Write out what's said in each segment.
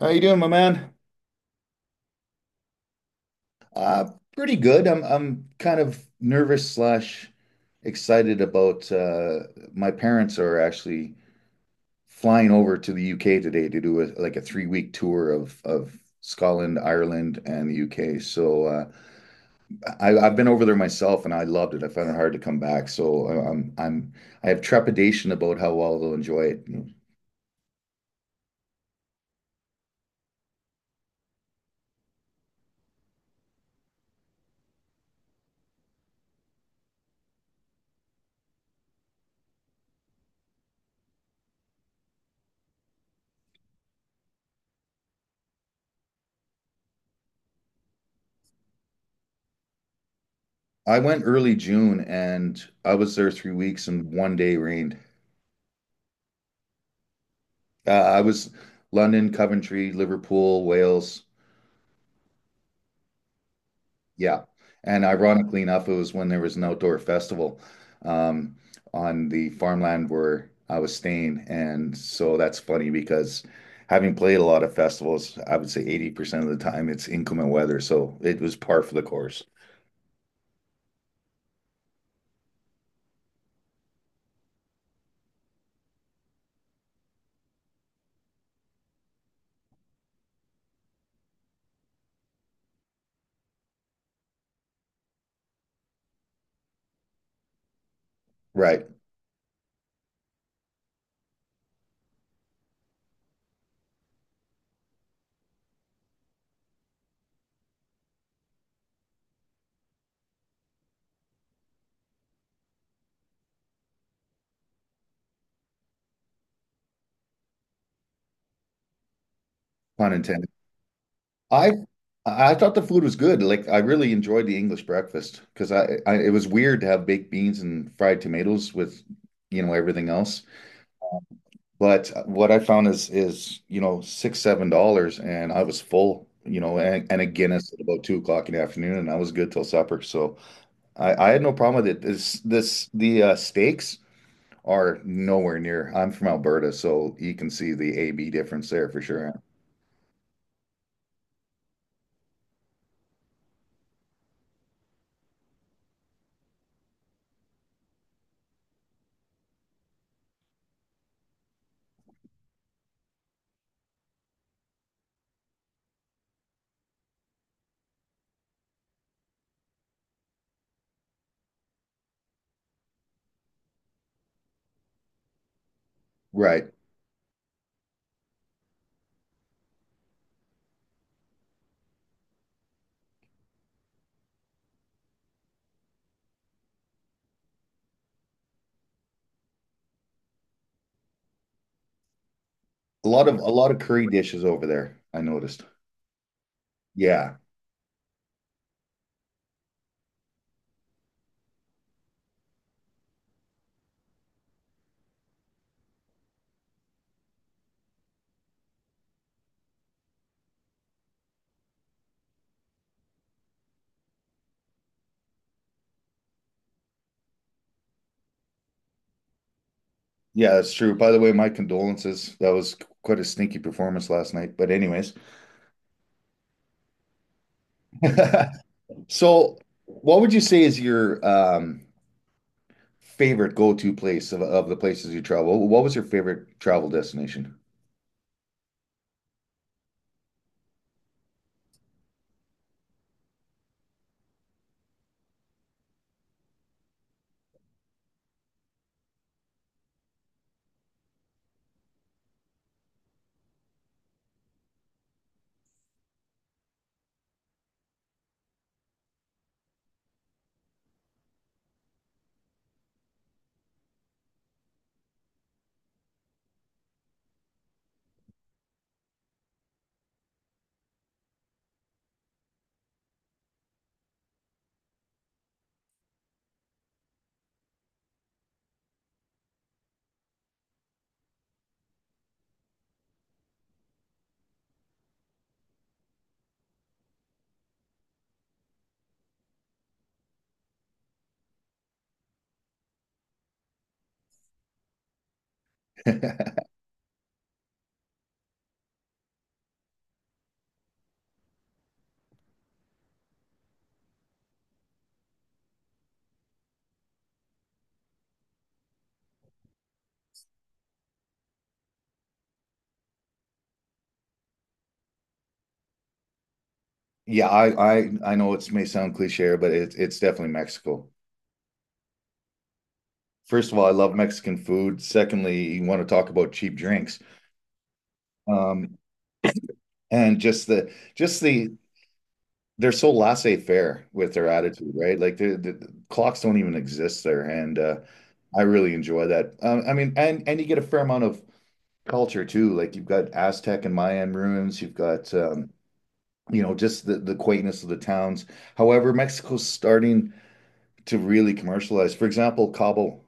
How you doing, my man? Uh, Pretty good. I'm kind of nervous slash excited about my parents are actually flying over to the UK today to do a like a 3 week tour of Scotland, Ireland, and the UK. So I've been over there myself and I loved it. I found it hard to come back. So I I have trepidation about how well they'll enjoy it. I went early June and I was there 3 weeks and one day rained. I was London, Coventry, Liverpool, Wales. Yeah. And ironically enough, it was when there was an outdoor festival um, on the farmland where I was staying. And so that's funny because having played a lot of festivals, I would say 80% of the time it's inclement weather. So it was par for the course. Right. Pun intended. I I thought the food was good. Like I really enjoyed the English breakfast because I, it was weird to have baked beans and fried tomatoes with, you know, everything else. But what I found is you know six seven dollars, and I was full. You know, and a Guinness at about 2 o'clock in the afternoon, and I was good till supper. So I had no problem with it. This the steaks are nowhere near. I'm from Alberta, so you can see the AB difference there for sure. Right. A lot of curry dishes over there, I noticed. Yeah. Yeah, that's true. By the way, my condolences. That was quite a stinky performance last night. But anyways. So, what would you say is your favorite go-to place of the places you travel? What was your favorite travel destination? Yeah, I know it may sound cliche, but it's definitely Mexico. First of all, I love Mexican food. Secondly, you want to talk about cheap drinks. Um, and just the they're so laissez-faire with their attitude, right? Like the clocks don't even exist there, and I really enjoy that. I mean, and you get a fair amount of culture too. Like you've got Aztec and Mayan ruins, you've got you know, just the quaintness of the towns. However, Mexico's starting to really commercialize. For example, Cabo,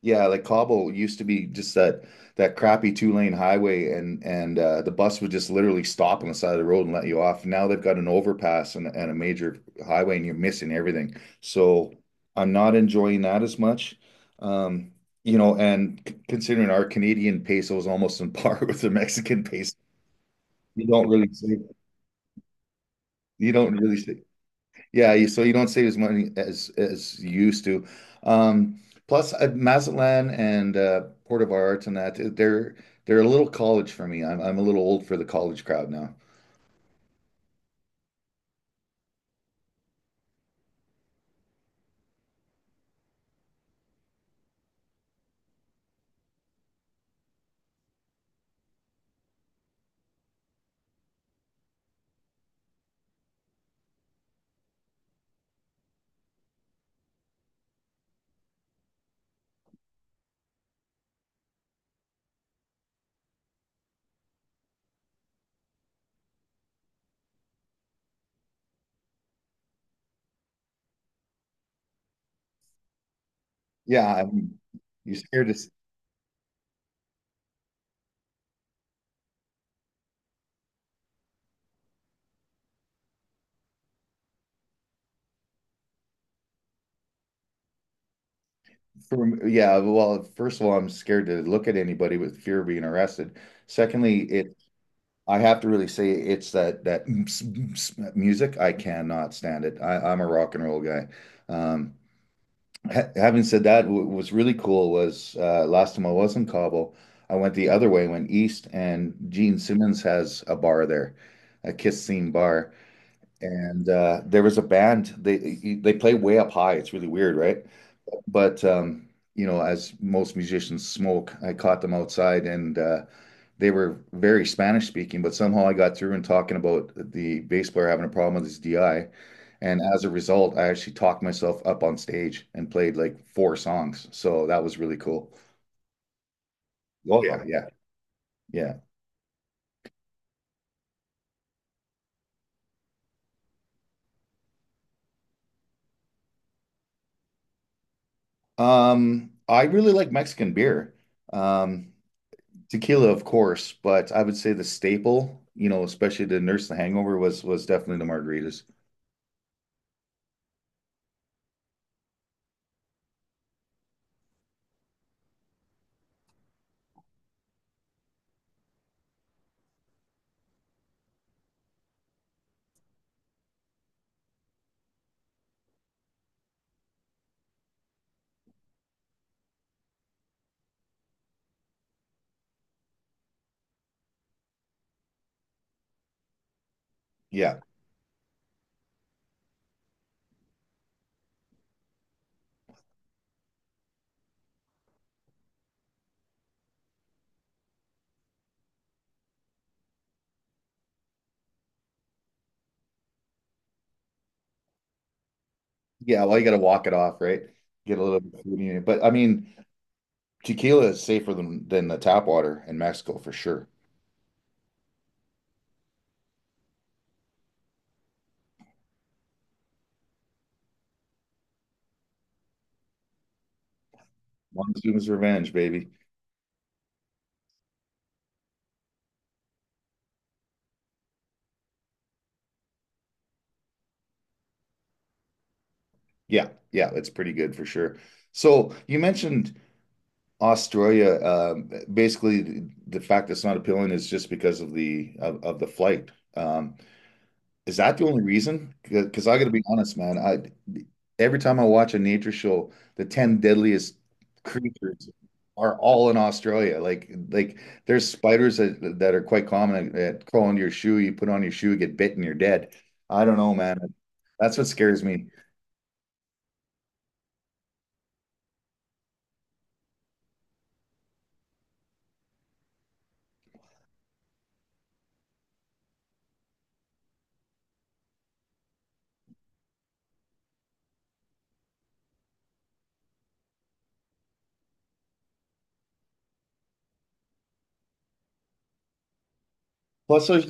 yeah, like Cobble used to be just that that crappy two-lane highway, and the bus would just literally stop on the side of the road and let you off. Now they've got an overpass and a major highway, and you're missing everything. So I'm not enjoying that as much, um, you know. Considering our Canadian peso is almost on par with the Mexican peso, you don't really see you don't really see, yeah, you- so you don't save as money as you used to. Um, plus, Mazatlan and Port of Arts and that they're a little college for me. I'm a little old for the college crowd now. Yeah, I'm, you are scared to s- for yeah. Well, first of all, I'm scared to look at anybody with fear of being arrested. Secondly, it I have to really say it's that music. I cannot stand it. I'm a rock and roll guy. Um, Having said that, what's really cool was last time I was in Cabo, I went the other way, went east, and Gene Simmons has a bar there, a Kiss themed bar, and there was a band. They play way up high. It's really weird, right? But you know, as most musicians smoke, I caught them outside, and they were very Spanish speaking, but somehow I got through and talking about the bass player having a problem with his DI. And as a result, I actually talked myself up on stage and played like four songs. So that was really cool. Oh, yeah, yeah, yeah. I really like Mexican beer. Um, Tequila, of course, but I would say the staple, you know, especially to nurse the hangover was definitely the margaritas. Yeah. Yeah, well, you got to walk it off, right? Get a little bit of food in it. But I mean, Tequila is safer than the tap water in Mexico for sure. Montezuma's Revenge, baby. Yeah, yeah, it's pretty good for sure. So you mentioned Australia. Basically, the fact that it's not appealing is just because of the of the flight. Um, Is that the only reason? Because I got to be honest, man. I every time I watch a nature show, the 10 deadliest creatures are all in Australia. Like there's spiders that are quite common that crawl into your shoe. You put on your shoe, get bitten, you're dead. I don't know, man. That's what scares me. Plus, there's,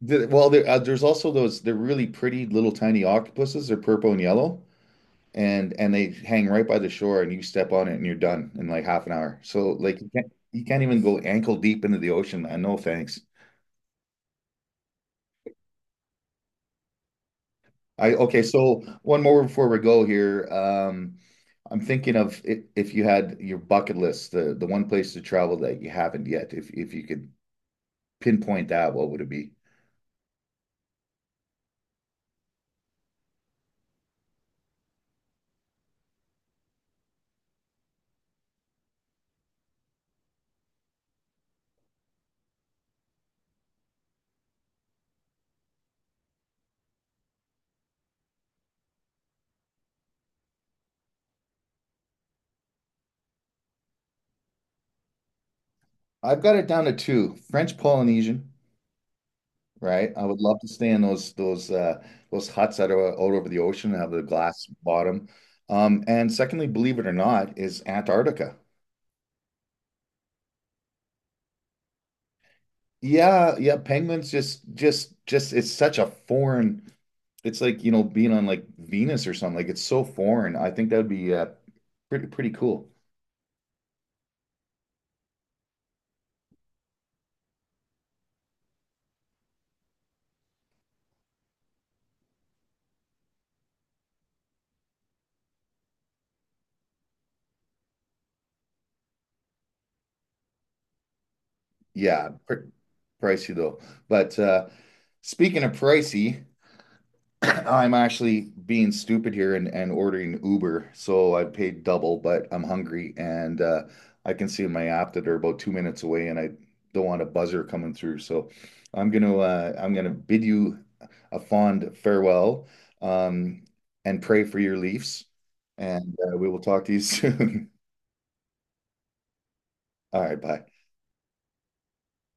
well, there's also those. They're really pretty little tiny octopuses. They're purple and yellow. And they hang right by the shore and you step on it and you're done in like half an hour. So like you can't even go ankle deep into the ocean, man. No thanks. I okay, so one more before we go here. I'm thinking of if you had your bucket list, the one place to travel that you haven't yet, if you could pinpoint that, what would it be? I've got it down to two, French Polynesian, right? I would love to stay in those huts that are out over the ocean and have the glass bottom. And secondly, believe it or not, is Antarctica. Yeah, yeah, penguins just it's such a foreign. It's like, you know, being on like Venus or something. Like it's so foreign. I think that would be pretty cool. Yeah, pr pricey though. But speaking of pricey. I'm actually being stupid here and ordering Uber. So I paid double, but I'm hungry and I can see in my app that they're about 2 minutes away and I don't want a buzzer coming through. So I'm gonna bid you a fond farewell, um, and pray for your Leafs. And we will talk to you soon. All right, bye.